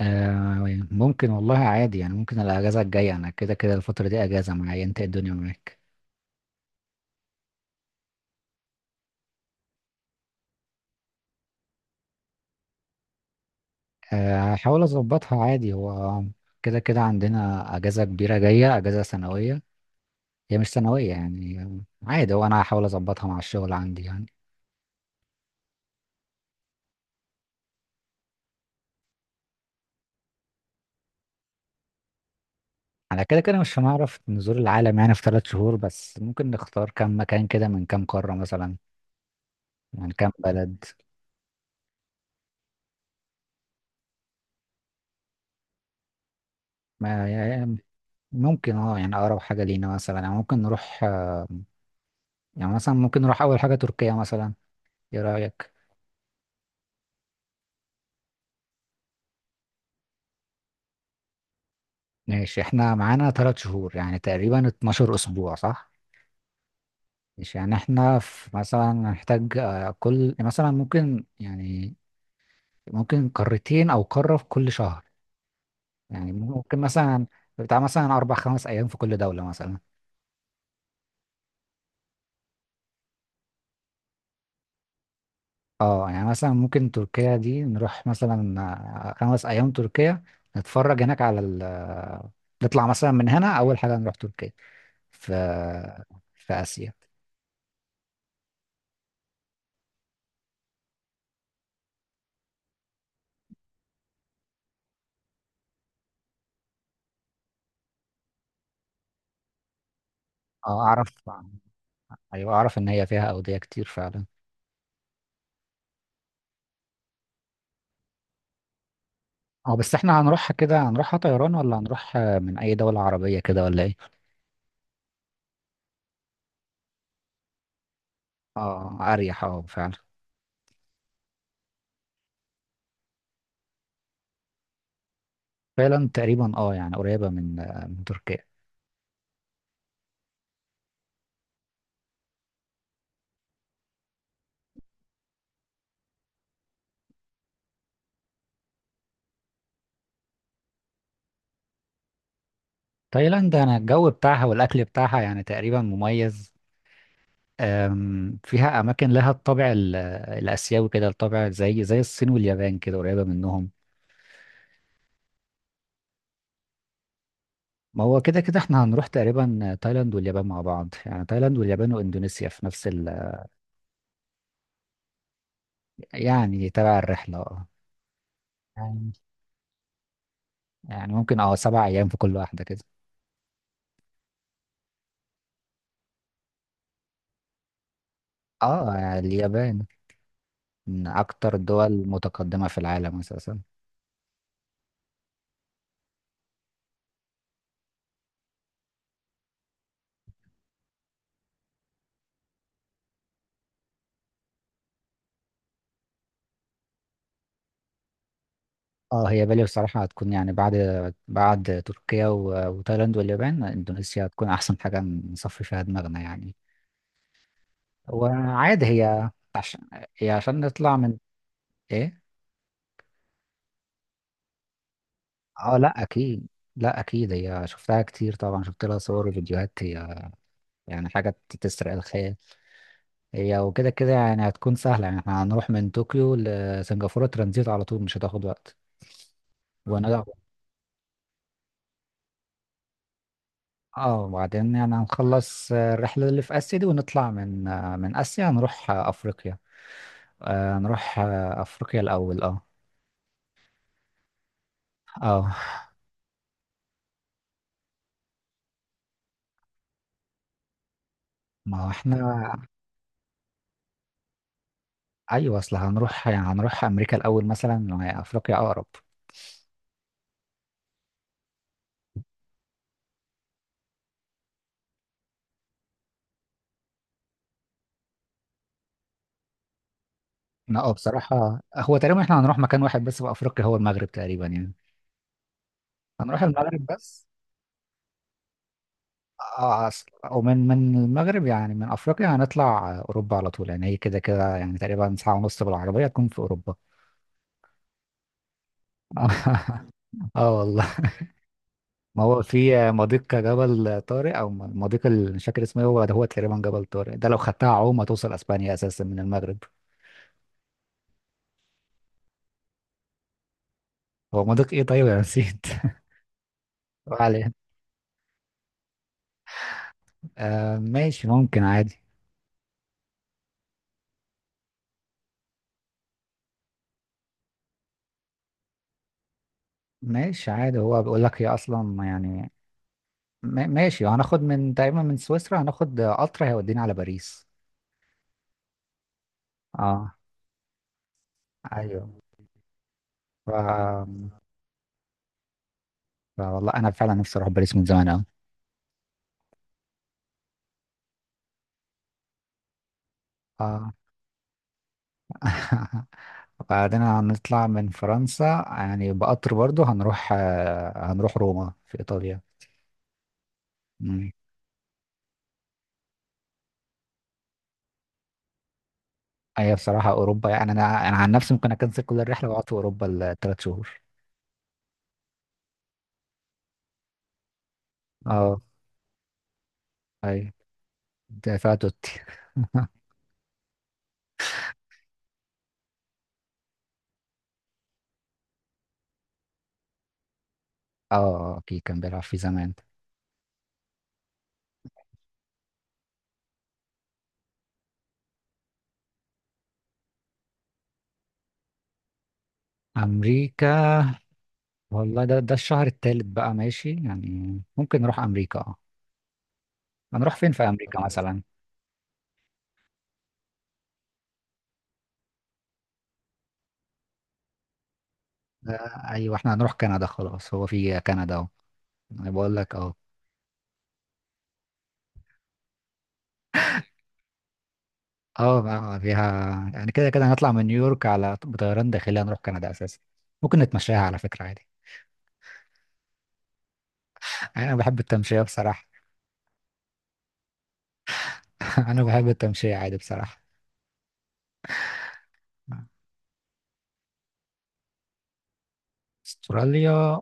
آه، ممكن والله، عادي يعني. ممكن الاجازه الجايه، انا كده كده الفتره دي اجازه معايا. انت إيه الدنيا معاك؟ آه، هحاول اظبطها عادي، هو كده كده عندنا اجازه كبيره جايه، اجازه سنويه. هي مش سنويه يعني، عادي، هو انا هحاول اظبطها مع الشغل عندي يعني. على كده كده مش هنعرف نزور العالم يعني في ثلاث شهور، بس ممكن نختار كم مكان كده من كم قاره مثلا. يعني كم بلد. ما يعني ممكن، يعني اقرب حاجه لينا مثلا، يعني ممكن نروح. يعني مثلا ممكن نروح اول حاجه تركيا مثلا. ايه رايك؟ ماشي، احنا معانا ثلاث شهور، يعني تقريبا 12 اسبوع صح؟ مش يعني احنا في مثلا هنحتاج، كل مثلا ممكن يعني، ممكن قارتين او قارة في كل شهر. يعني ممكن مثلا بتاع مثلا اربع خمس ايام في كل دولة مثلا. اه يعني مثلا ممكن تركيا دي نروح مثلا، خمس ايام تركيا، نتفرج هناك على ال نطلع مثلا من هنا اول حاجة نروح تركيا في في اسيا. اه، اعرف. ايوه اعرف ان هي فيها اودية كتير فعلا. اه، بس احنا هنروحها كده، هنروحها طيران ولا هنروح من اي دولة عربية كده ولا ايه؟ اه، اريح، اه فعلا. تايلاند تقريبا، يعني قريبة من تركيا. تايلاند، انا الجو بتاعها والاكل بتاعها يعني تقريبا مميز. فيها اماكن لها الطابع الاسيوي كده، الطابع زي الصين واليابان كده، قريبة منهم. ما هو كده كده احنا هنروح تقريبا تايلاند واليابان مع بعض، يعني تايلاند واليابان واندونيسيا في نفس ال. يعني تبع الرحلة اه. يعني، يعني ممكن، سبع ايام في كل واحدة كده. اه، اليابان من اكتر الدول متقدمة في العالم اساسا. اه، هي بالي بصراحة هتكون يعني، بعد تركيا وتايلاند واليابان اندونيسيا هتكون احسن حاجة نصفي فيها دماغنا يعني. وعادي هي، هي عشان نطلع من، ايه. اه، لا اكيد. لا اكيد، هي شفتها كتير طبعا، شفت لها صور وفيديوهات، هي يعني حاجة تسرق الخيال. هي وكده كده يعني هتكون سهلة، يعني احنا هنروح من طوكيو لسنغافورة ترانزيت على طول، مش هتاخد وقت. اه، وبعدين يعني هنخلص الرحلة اللي في آسيا دي، ونطلع من آسيا، نروح أفريقيا. نروح أفريقيا الأول، اه. اه، ما هو احنا، أيوة أصل هنروح، يعني هنروح أمريكا الأول مثلا، وهي أفريقيا أقرب. لا، بصراحة هو تقريبا احنا هنروح مكان واحد بس في أفريقيا، هو المغرب تقريبا يعني. هنروح المغرب بس. اه، أصل ومن المغرب يعني، من أفريقيا هنطلع أوروبا على طول، يعني هي كده كده يعني تقريبا ساعة ونص بالعربية تكون في أوروبا. اه والله، ما هو في مضيق جبل طارق او مضيق مش فاكر اسمه إيه، هو ده هو تقريبا جبل طارق ده، لو خدتها عوم هتوصل اسبانيا اساسا من المغرب. هو مضيق ايه طيب، انا نسيت. عليه. آه، ماشي، ممكن عادي. ماشي، عادي، هو بيقول لك هي اصلا يعني، ماشي، هناخد من تقريبا من سويسرا، هناخد قطر هيودينا على باريس. اه، ايوه. ف... فوالله انا فعلا نفسي اروح باريس من زمان قوي. اه. بعدين هنطلع من فرنسا يعني بقطر برضو، هنروح روما في إيطاليا. مم. هي بصراحة أوروبا يعني، أنا عن نفسي ممكن أكنسل كل الرحلة وأقعد في أوروبا الثلاث شهور. أه، أي، دافع توتي. أه، أكيد كان بيلعب في زمان. أمريكا، والله ده الشهر الثالث بقى، ماشي يعني ممكن نروح أمريكا أه. هنروح فين في أمريكا مثلا؟ أيوة إحنا هنروح كندا خلاص، هو في كندا أهو، أنا بقول لك. اه، بقى فيها يعني كده كده هنطلع من نيويورك على بطيران داخلي هنروح كندا اساسا. ممكن نتمشاها على فكرة عادي. انا بحب التمشية بصراحة. انا بحب التمشية عادي بصراحة. استراليا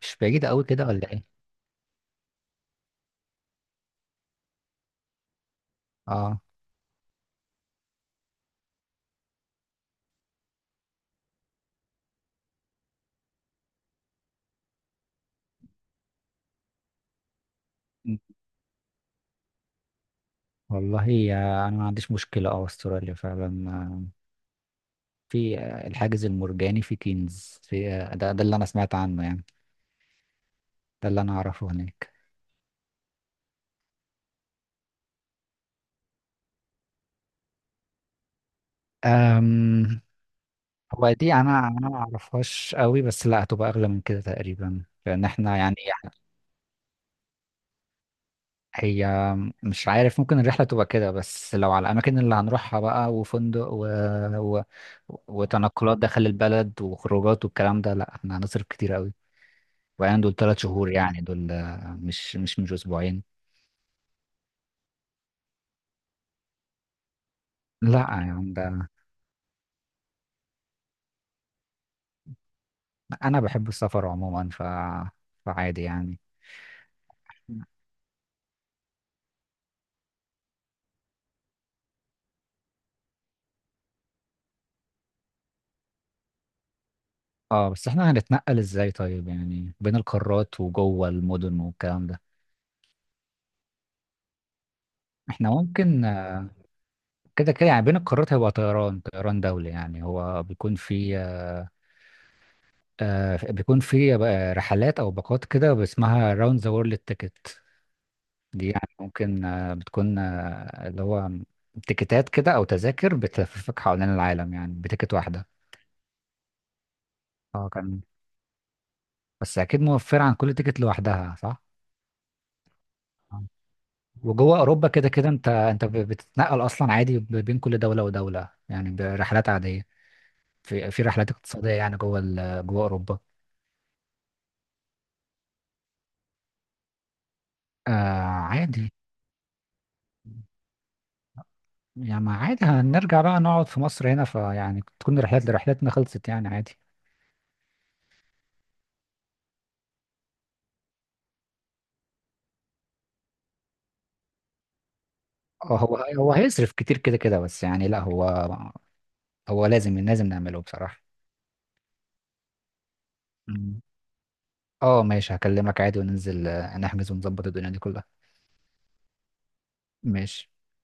مش بعيدة قوي كده ولا ايه؟ اه والله، انا ما عنديش مشكلة. اه، استراليا فعلا في الحاجز المرجاني في كينز، في ده اللي انا سمعت عنه يعني، ده اللي انا اعرفه هناك. أم. هو دي انا ما اعرفهاش قوي، بس لا هتبقى اغلى من كده تقريبا لان احنا يعني، هي مش عارف، ممكن الرحلة تبقى كده بس لو على الأماكن اللي هنروحها بقى وفندق و... وتنقلات داخل البلد وخروجات والكلام ده، لا احنا هنصرف كتير قوي. وبعدين دول ثلاث شهور يعني، دول مش أسبوعين. لا يعني ده، أنا بحب السفر عموما فعادي يعني. اه، بس احنا هنتنقل ازاي طيب، يعني بين القارات وجوه المدن والكلام ده؟ احنا ممكن كده كده يعني بين القارات هيبقى طيران، طيران دولي يعني. هو بيكون فيه بيكون في بقى رحلات او باقات كده اسمها راوند ذا وورلد تيكت. دي يعني ممكن، بتكون اللي هو تيكتات كده او تذاكر بتلففك حوالين العالم، يعني بتيكت واحده. اه كان، بس اكيد موفر عن كل تيكت لوحدها صح. آه. وجوه اوروبا كده كده، انت بتتنقل اصلا عادي بين كل دوله ودوله يعني برحلات عاديه. في رحلات اقتصاديه يعني جوه جوه اوروبا. آه، عادي يعني. ما، عادي، هنرجع بقى نقعد في مصر هنا، فيعني تكون رحلات، رحلاتنا خلصت يعني عادي. هو هيصرف كتير كده كده، بس يعني لا، هو هو لازم نعمله بصراحة. مم. اه، ماشي، هكلمك عادي وننزل نحجز ونظبط الدنيا دي كلها. ماشي.